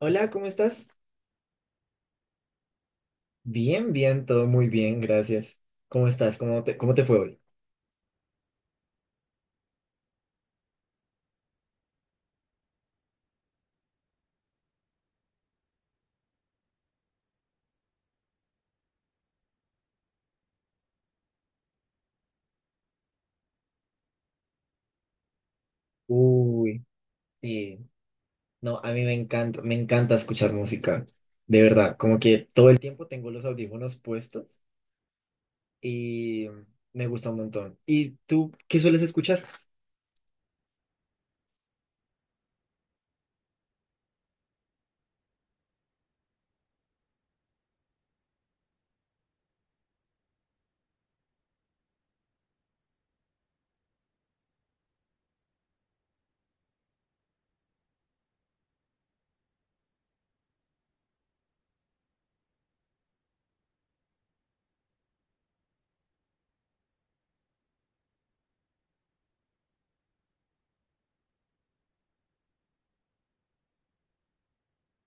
Hola, ¿cómo estás? Bien, bien, todo muy bien, gracias. ¿Cómo estás? ¿Cómo te fue hoy? Uy, sí. No, a mí me encanta escuchar música. De verdad, como que todo el tiempo tengo los audífonos puestos y me gusta un montón. ¿Y tú qué sueles escuchar?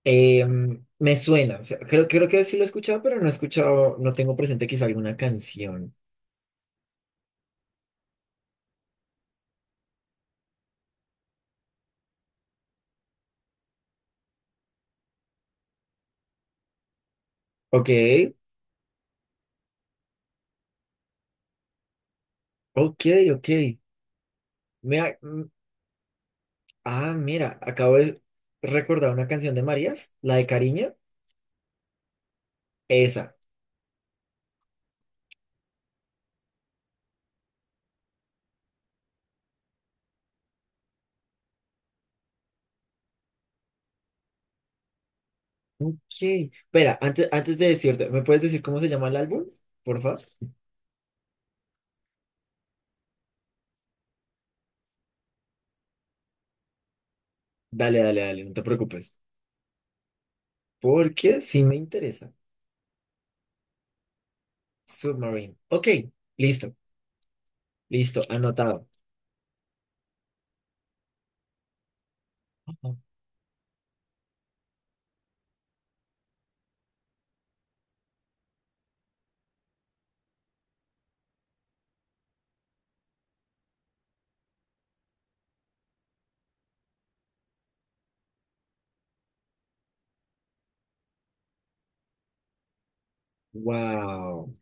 Eh, Me suena, o sea, creo que sí lo he escuchado, pero no he escuchado, no tengo presente quizá alguna canción. Ok, ok, ok. Mira, ah, mira, acabo de recordar una canción de Marías, la de Cariño, esa. Ok. Espera, antes de decirte, ¿me puedes decir cómo se llama el álbum? Por favor. Dale, dale, dale, no te preocupes. Porque sí me interesa. Submarine. Ok, listo, listo, anotado. Wow.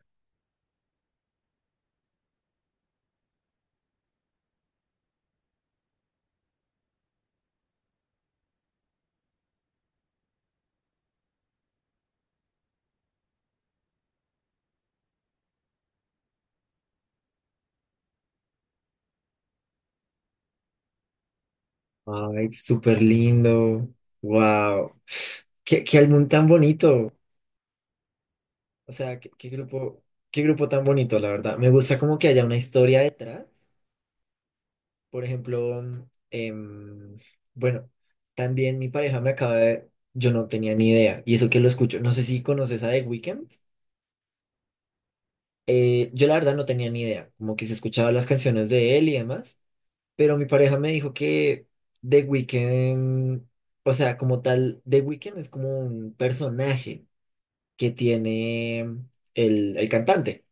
Ay, súper lindo. Wow. Qué álbum tan bonito. O sea, qué grupo, qué grupo tan bonito, la verdad. Me gusta como que haya una historia detrás. Por ejemplo, em, bueno, también mi pareja me acaba de... Yo no tenía ni idea, y eso que lo escucho, no sé si conoces a The Weeknd. Yo la verdad no tenía ni idea, como que se escuchaba las canciones de él y demás, pero mi pareja me dijo que The Weeknd, o sea, como tal, The Weeknd es como un personaje que tiene el cantante,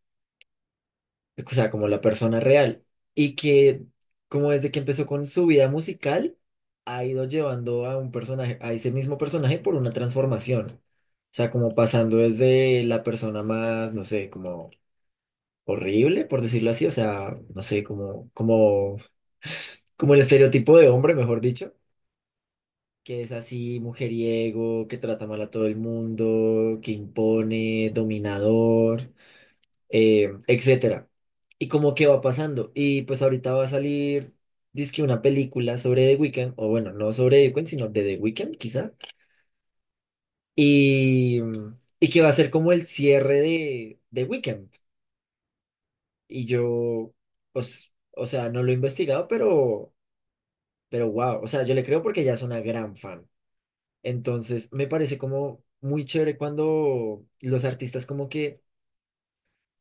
o sea, como la persona real, y que como desde que empezó con su vida musical, ha ido llevando a un personaje, a ese mismo personaje por una transformación. O sea, como pasando desde la persona más, no sé, como horrible, por decirlo así, o sea, no sé, como el estereotipo de hombre, mejor dicho, que es así, mujeriego, que trata mal a todo el mundo, que impone, dominador, etcétera. Y como que va pasando. Y pues ahorita va a salir, dizque una película sobre The Weeknd, o bueno, no sobre The Weeknd, sino de The Weeknd, quizá. Y, y que va a ser como el cierre de The Weeknd. Y yo, o sea, no lo he investigado, pero wow, o sea, yo le creo porque ella es una gran fan. Entonces, me parece como muy chévere cuando los artistas como que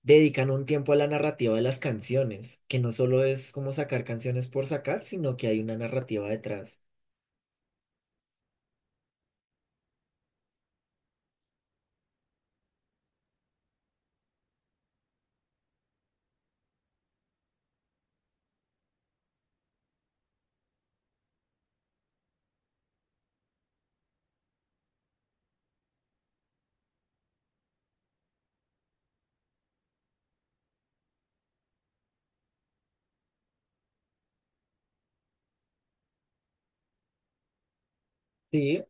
dedican un tiempo a la narrativa de las canciones, que no solo es como sacar canciones por sacar, sino que hay una narrativa detrás. Sí,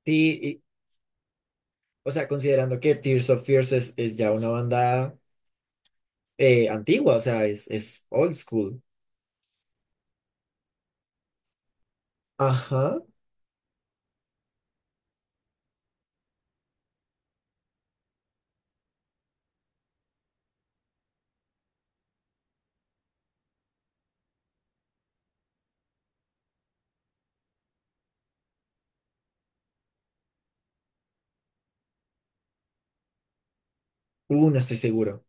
sí, y- o sea, considerando que Tears of Fears es ya una banda antigua, o sea, es old school. Ajá, no estoy seguro.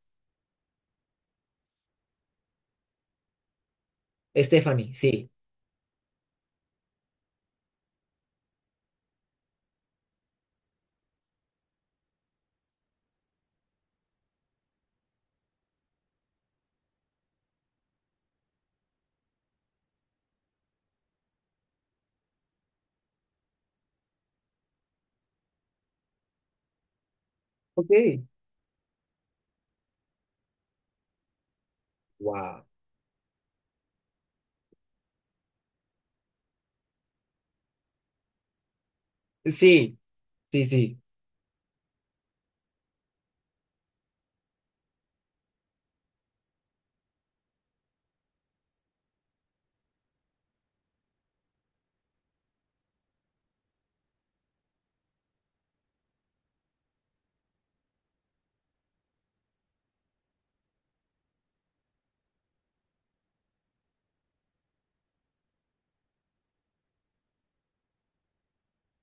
Stephanie, sí. Ok. Wow. Sí, sí, sí.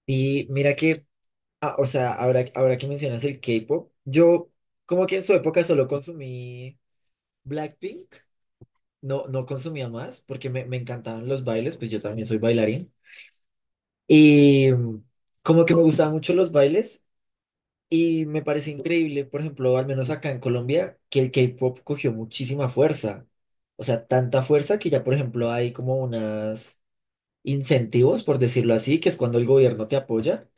Y mira que, ah, o sea, ahora que mencionas el K-pop, yo como que en su época solo consumí Blackpink. No, no consumía más porque me encantaban los bailes, pues yo también soy bailarín. Y como que me gustaban mucho los bailes y me parece increíble, por ejemplo, al menos acá en Colombia, que el K-pop cogió muchísima fuerza. O sea, tanta fuerza que ya, por ejemplo, hay como unas incentivos, por decirlo así, que es cuando el gobierno te apoya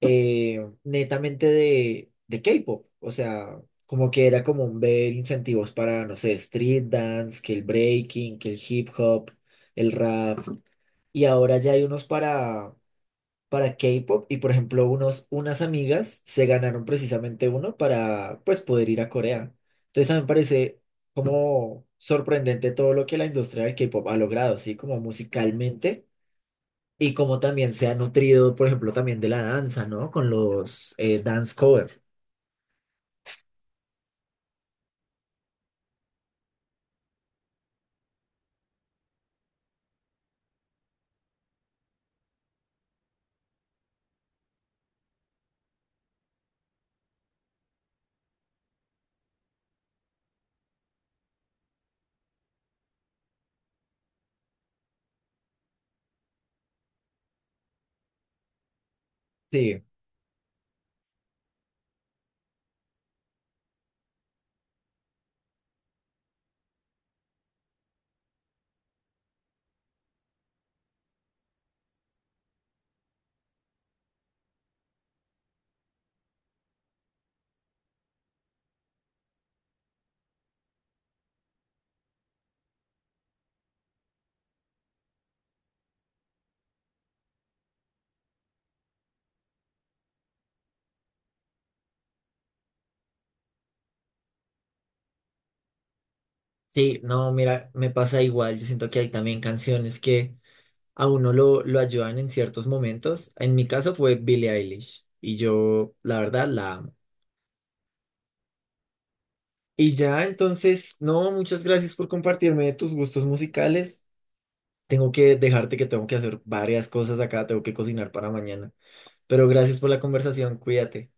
netamente de K-pop. O sea, como que era común ver incentivos para, no sé, street dance, que el breaking, que el hip hop, el rap. Y ahora ya hay unos para K-pop. Y por ejemplo, unos, unas amigas se ganaron precisamente uno para, pues, poder ir a Corea. Entonces, a mí me parece como sorprendente todo lo que la industria del K-pop ha logrado, ¿sí? Como musicalmente. Y como también se ha nutrido, por ejemplo, también de la danza, ¿no? Con los dance cover. Sí, sí, no, mira, me pasa igual. Yo siento que hay también canciones que a uno lo ayudan en ciertos momentos. En mi caso fue Billie Eilish y yo, la verdad, la amo. Y ya, entonces, no, muchas gracias por compartirme tus gustos musicales. Tengo que dejarte que tengo que hacer varias cosas acá, tengo que cocinar para mañana. Pero gracias por la conversación, cuídate.